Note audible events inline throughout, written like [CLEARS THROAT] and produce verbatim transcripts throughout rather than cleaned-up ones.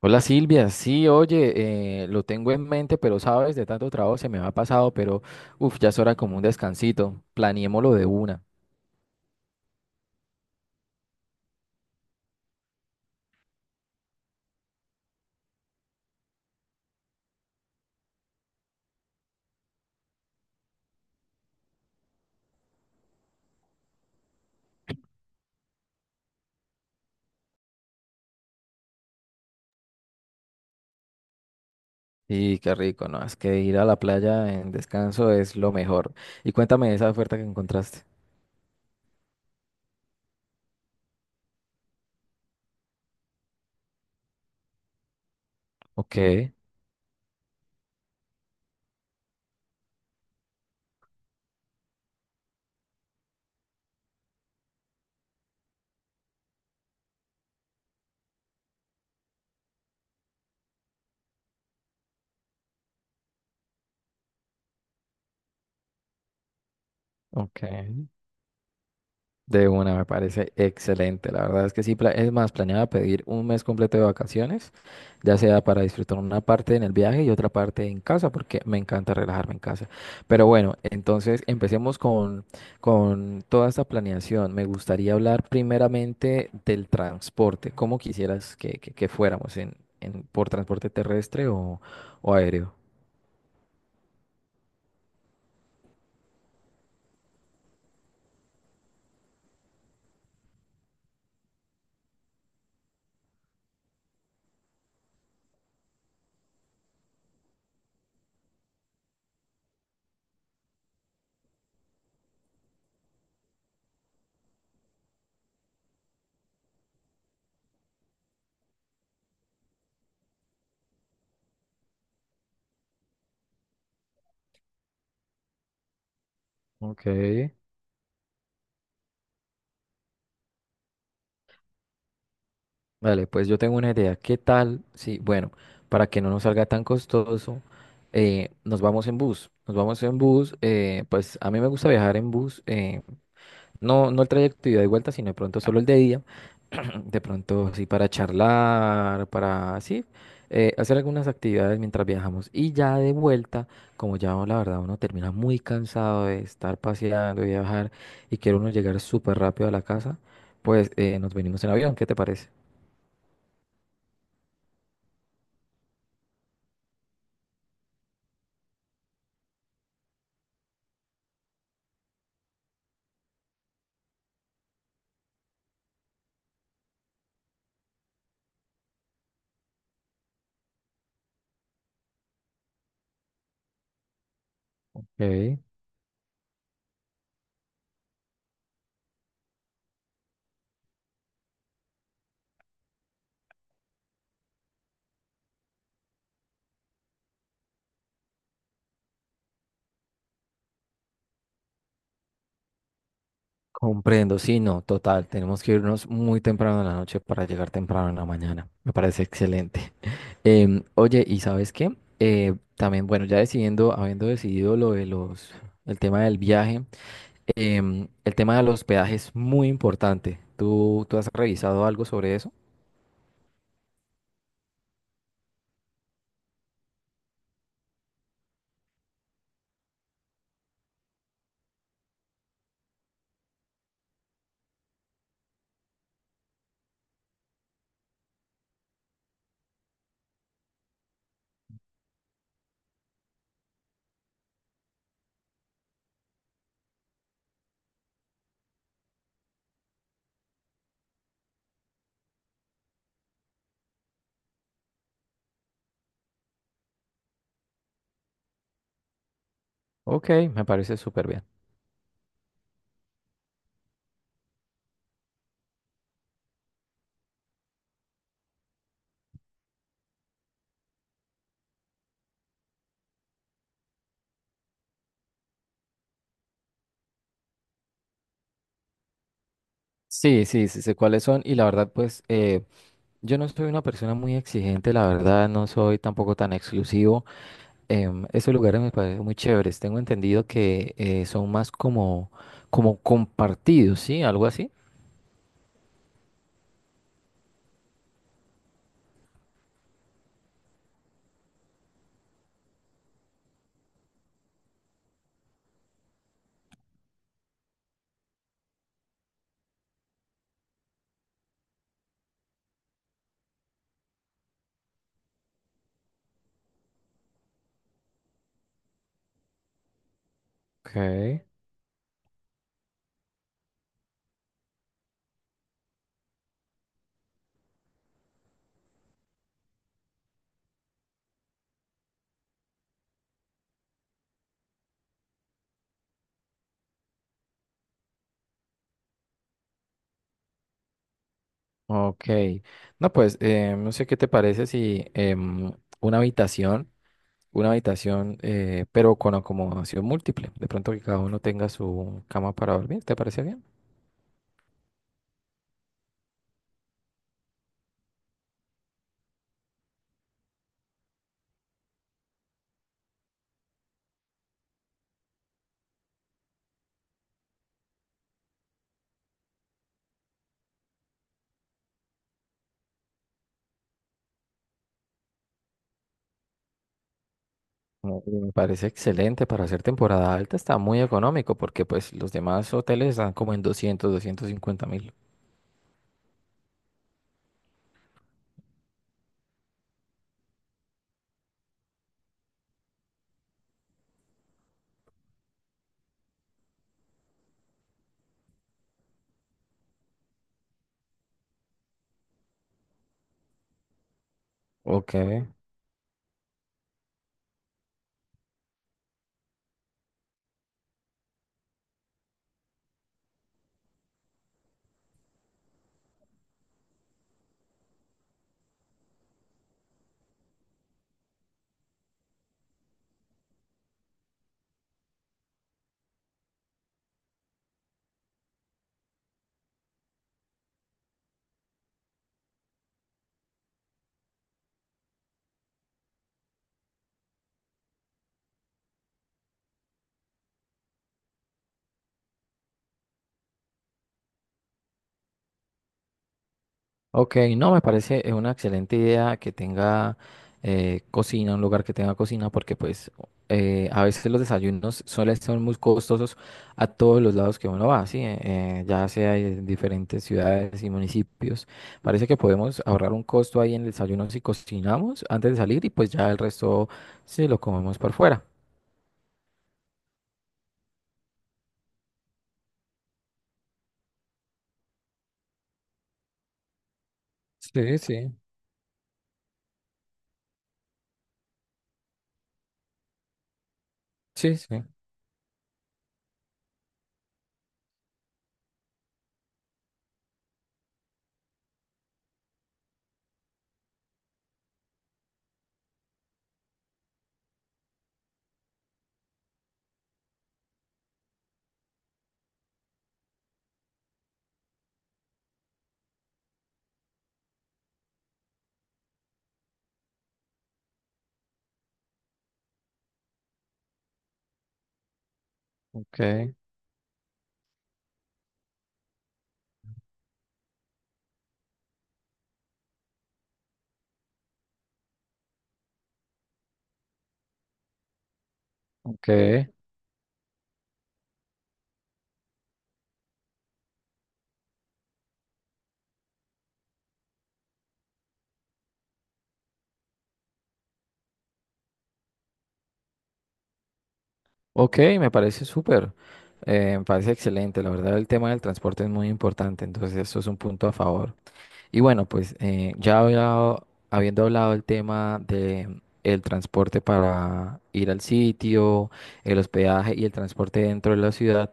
Hola Silvia, sí, oye, eh, lo tengo en mente, pero sabes, de tanto trabajo se me ha pasado, pero uff, ya es hora como un descansito, planeémoslo de una. Y qué rico, ¿no? Es que ir a la playa en descanso es lo mejor. Y cuéntame esa oferta que encontraste. Ok, ok. De una, me parece excelente. La verdad es que sí, pla- es más, planeaba pedir un mes completo de vacaciones, ya sea para disfrutar una parte en el viaje y otra parte en casa, porque me encanta relajarme en casa. Pero bueno, entonces empecemos con, con toda esta planeación. Me gustaría hablar primeramente del transporte. ¿Cómo quisieras que, que- que fuéramos en, en- por transporte terrestre o, o aéreo? Ok. Vale, pues yo tengo una idea. ¿Qué tal? Sí, bueno, para que no nos salga tan costoso, eh, nos vamos en bus. Nos vamos en bus. Eh, pues a mí me gusta viajar en bus. eh, no, no el trayecto ida y vuelta, sino de pronto solo el de día. [CLEARS THROAT] De pronto, sí, para charlar, para, sí, eh, hacer algunas actividades mientras viajamos. Y ya de vuelta, como ya la verdad uno termina muy cansado de estar paseando y viajar y quiere uno llegar súper rápido a la casa, pues eh, nos venimos en avión. ¿Qué te parece? Ok. Comprendo, sí, no, total. Tenemos que irnos muy temprano en la noche para llegar temprano en la mañana. Me parece excelente. Em, oye, ¿y sabes qué? Eh, también, bueno, ya decidiendo, habiendo decidido lo de los, el tema del viaje, em, el tema del hospedaje es muy importante. ¿Tú, tú has revisado algo sobre eso? Ok, me parece súper bien. Sí, sí, sí, sé cuáles son y la verdad, pues eh, yo no soy una persona muy exigente, la verdad, no soy tampoco tan exclusivo. Em, esos lugares me parecen muy chéveres. Tengo entendido que eh, son más como, como compartidos, ¿sí? Algo así. Okay. Ok. No, pues eh, no sé qué te parece si em, una habitación, una habitación, eh, pero con acomodación múltiple. De pronto que cada uno tenga su cama para dormir. ¿Te parece bien? Mm, me parece excelente para hacer temporada alta, está muy económico porque pues los demás hoteles están como en doscientos, doscientos cincuenta mil. Ok. Ok, no, me parece eh, una excelente idea que tenga eh, cocina, un lugar que tenga cocina, porque pues eh, a veces los desayunos suelen ser muy costosos a todos los lados que uno va, ¿sí? Eh, eh, ya sea en diferentes ciudades y municipios. Parece que podemos ahorrar un costo ahí en el desayuno si cocinamos antes de salir y pues ya el resto sí lo comemos por fuera. Sí, sí. Sí, sí. Ok, ok. Ok, me parece súper, eh, me parece excelente. La verdad, el tema del transporte es muy importante, entonces eso es un punto a favor. Y bueno, pues eh, ya hablado- habiendo hablado el tema de mm, el transporte para ir al sitio, el hospedaje y el transporte dentro de la ciudad,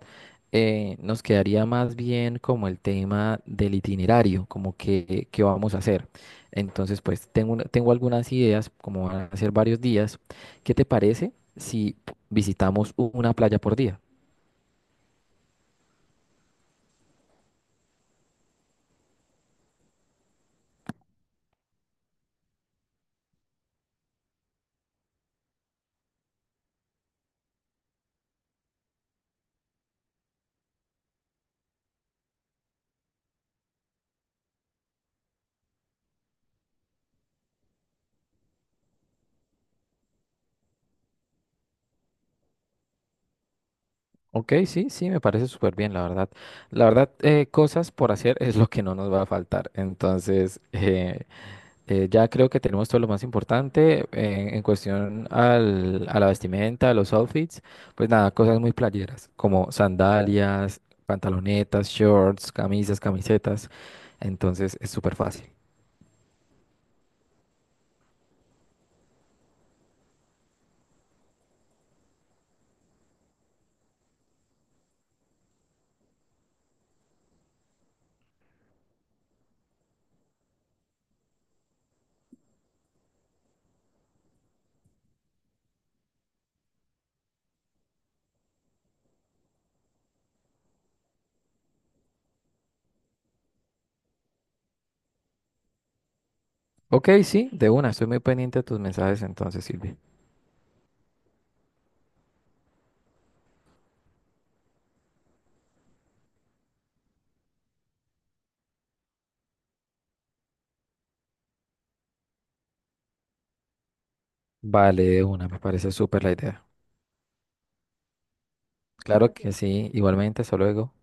eh, nos quedaría más bien como el tema del itinerario, como que qué vamos a hacer. Entonces, pues tengo, una- tengo algunas ideas, como van a ser varios días. ¿Qué te parece si visitamos una playa por día? Ok, sí, sí, me parece súper bien, la verdad. La verdad, eh, cosas por hacer [LAUGHS] es lo que no nos va a faltar. Entonces, eh, eh, ya creo que tenemos todo lo más importante eh, en cuestión al, a la vestimenta, a los outfits. Pues nada, cosas muy playeras, como sandalias, pantalonetas, shorts, camisas, camisetas. Entonces, es súper fácil. Ok, sí, de una, estoy muy pendiente de tus mensajes entonces, Silvia. Vale, de una, me parece súper la idea. Claro que sí, igualmente, hasta luego.